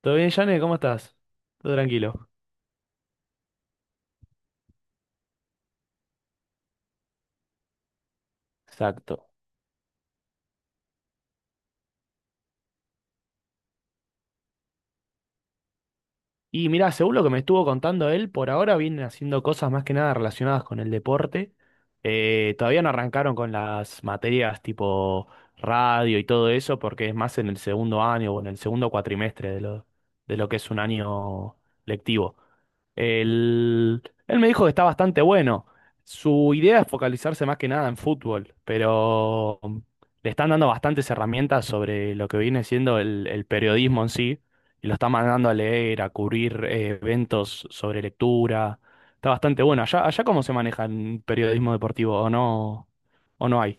¿Todo bien, Jane? ¿Cómo estás? Todo tranquilo. Exacto. Y mira, según lo que me estuvo contando él, por ahora vienen haciendo cosas más que nada relacionadas con el deporte. Todavía no arrancaron con las materias tipo radio y todo eso, porque es más en el segundo año o en el segundo cuatrimestre de lo que es un año lectivo. Él, él me dijo que está bastante bueno. Su idea es focalizarse más que nada en fútbol, pero le están dando bastantes herramientas sobre lo que viene siendo el periodismo en sí y lo está mandando a leer, a cubrir eventos sobre lectura. Está bastante bueno. Allá cómo se maneja el periodismo deportivo, o no hay.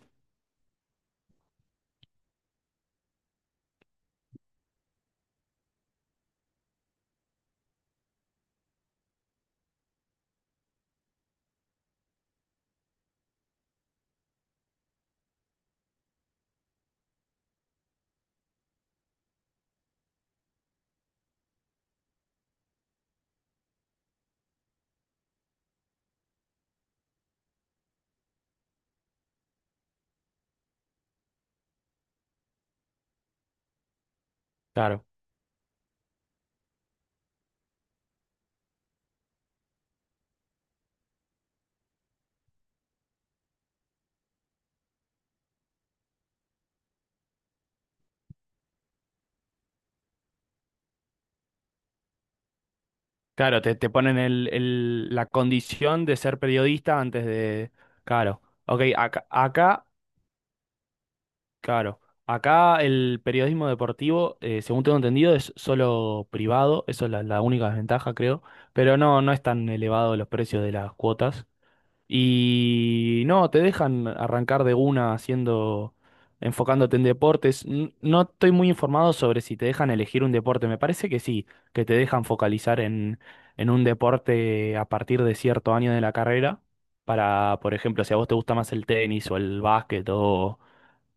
Claro. Claro, te ponen la condición de ser periodista antes de. Claro. Ok, claro. Acá el periodismo deportivo, según tengo entendido, es solo privado. Eso es la única desventaja, creo. Pero no, no es tan elevado los precios de las cuotas. Y no, te dejan arrancar de una enfocándote en deportes. No estoy muy informado sobre si te dejan elegir un deporte. Me parece que sí, que te dejan focalizar en un deporte a partir de cierto año de la carrera. Para, por ejemplo, si a vos te gusta más el tenis o el básquet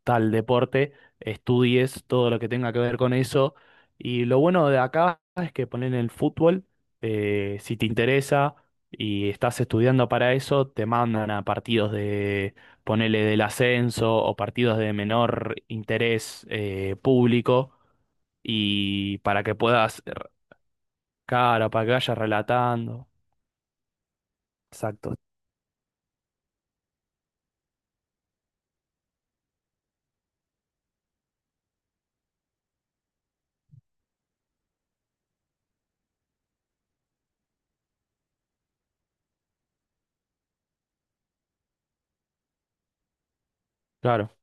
tal deporte, estudies todo lo que tenga que ver con eso. Y lo bueno de acá es que ponen el fútbol, si te interesa y estás estudiando para eso, te mandan a ponele del ascenso o partidos de menor interés público y para que puedas, claro, para que vayas relatando. Exacto. Claro.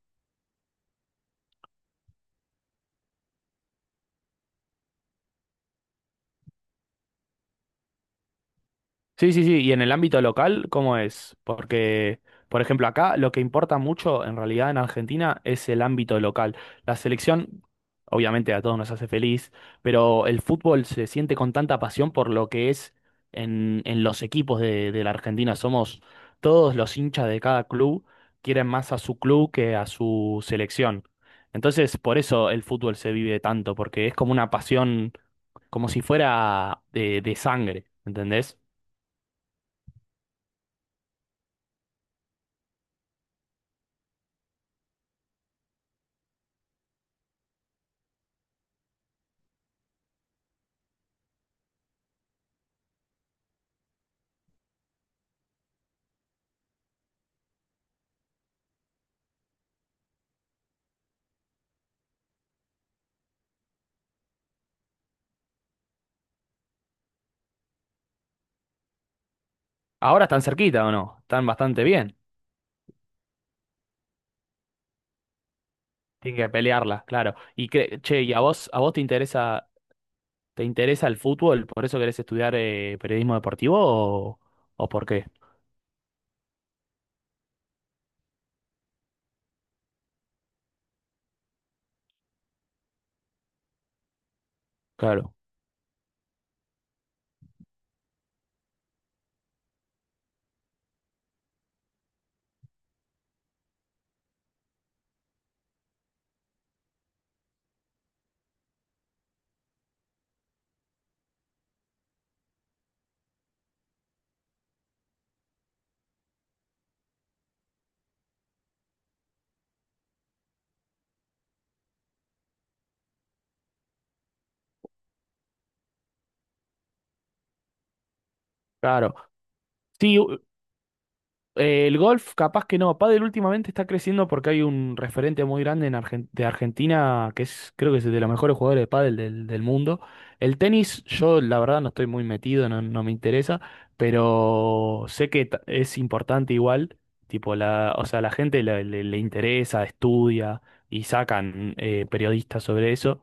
Sí, sí, sí. ¿Y en el ámbito local, cómo es? Porque, por ejemplo, acá lo que importa mucho en realidad en Argentina es el ámbito local. La selección, obviamente, a todos nos hace feliz, pero el fútbol se siente con tanta pasión por lo que es en los equipos de la Argentina. Somos todos los hinchas de cada club, quieren más a su club que a su selección. Entonces, por eso el fútbol se vive tanto, porque es como una pasión, como si fuera de sangre, ¿entendés? Ahora están cerquita o no, están bastante bien. Tienen que pelearla, claro. Y che, ¿y a vos te interesa el fútbol? ¿Por eso querés estudiar periodismo deportivo o por qué? Claro, claro. Sí, el golf, capaz que no. Pádel últimamente está creciendo porque hay un referente muy grande en de Argentina que es, creo que es de los mejores jugadores de pádel del mundo. El tenis, yo la verdad no estoy muy metido, no, no me interesa, pero sé que es importante igual. Tipo, o sea, la gente le interesa, estudia y sacan periodistas sobre eso.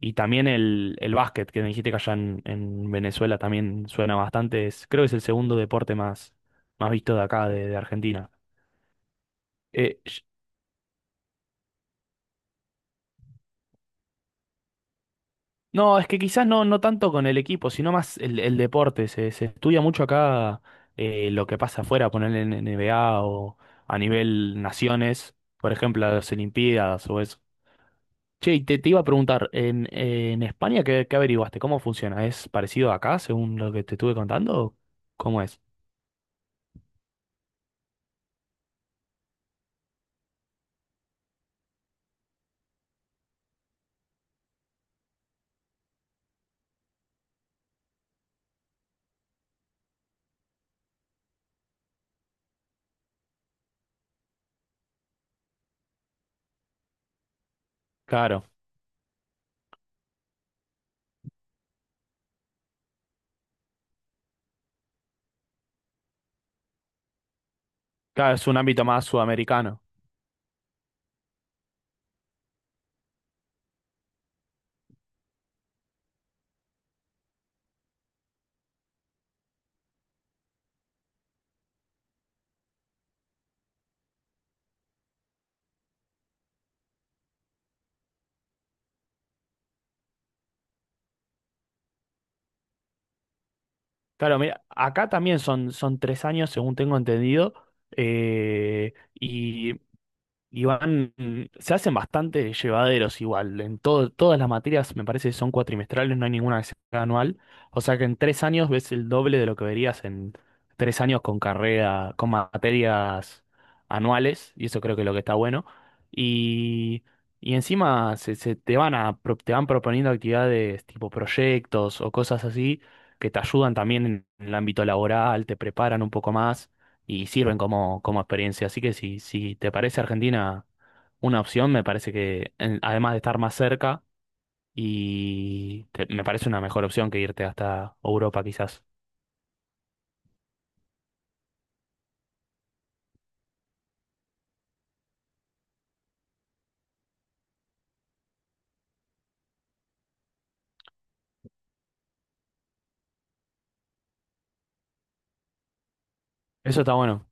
Y también el básquet, que me dijiste que allá en Venezuela también suena bastante. Creo que es el segundo deporte más visto de acá, de Argentina. Eh, sh- no, es que quizás no, no tanto con el equipo, sino más el deporte. Se estudia mucho acá lo que pasa afuera, poner en NBA o a nivel naciones, por ejemplo, las Olimpiadas o eso. Che, y te iba a preguntar, ¿en España qué averiguaste? ¿Cómo funciona? ¿Es parecido a acá, según lo que te estuve contando? O ¿cómo es? Claro, claro, es un ámbito más sudamericano. Claro, mira, acá también son 3 años, según tengo entendido, eh, y y van, se hacen bastante llevaderos igual. Todas las materias me parece que son cuatrimestrales, no hay ninguna que sea anual. O sea que en 3 años ves el doble de lo que verías en 3 años con carrera, con materias anuales, y eso creo que es lo que está bueno. Y, y encima se te van a, te van proponiendo actividades tipo proyectos o cosas así que te ayudan también en el ámbito laboral, te preparan un poco más y sirven como, como experiencia. Así que si, si te parece Argentina una opción, me parece que además de estar más cerca y me parece una mejor opción que irte hasta Europa quizás. Eso está bueno,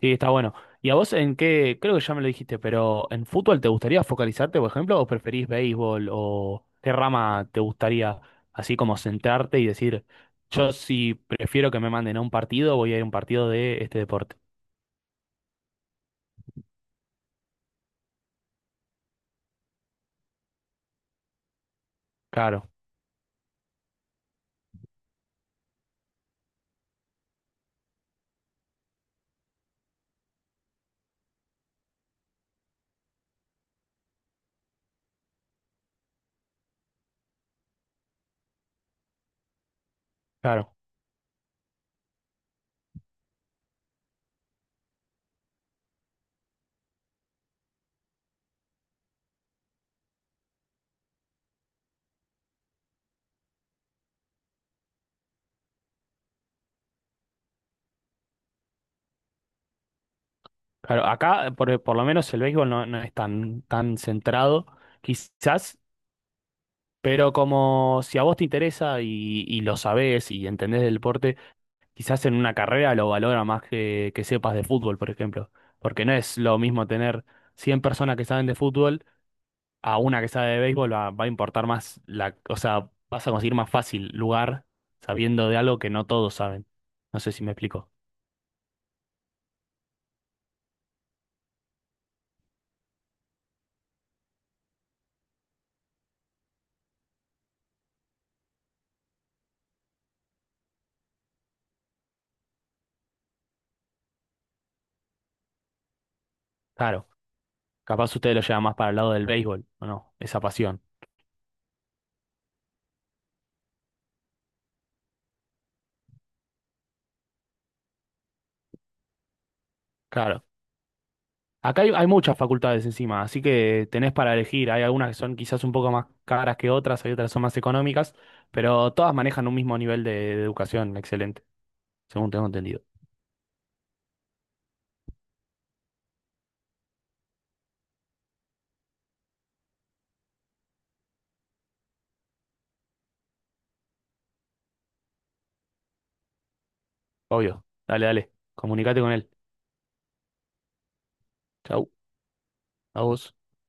sí, está bueno. ¿Y a vos en qué? Creo que ya me lo dijiste, pero ¿en fútbol te gustaría focalizarte, por ejemplo, o preferís béisbol o qué rama te gustaría así como centrarte y decir, yo si prefiero que me manden a un partido, voy a ir a un partido de este deporte? Claro, claro. Claro, acá por lo menos el béisbol no, no es tan, tan centrado, quizás, pero como si a vos te interesa y lo sabés y entendés del deporte, quizás en una carrera lo valora más que sepas de fútbol, por ejemplo. Porque no es lo mismo tener 100 personas que saben de fútbol a una que sabe de béisbol, va, va a importar más o sea, vas a conseguir más fácil lugar sabiendo de algo que no todos saben. No sé si me explico. Claro, capaz ustedes lo llevan más para el lado del béisbol, ¿o no? Esa pasión. Claro. Acá hay, hay muchas facultades encima, así que tenés para elegir. Hay algunas que son quizás un poco más caras que otras, hay otras que son más económicas, pero todas manejan un mismo nivel de educación excelente, según tengo entendido. Obvio. Dale, dale. Comunicate con él. Chau. A vos.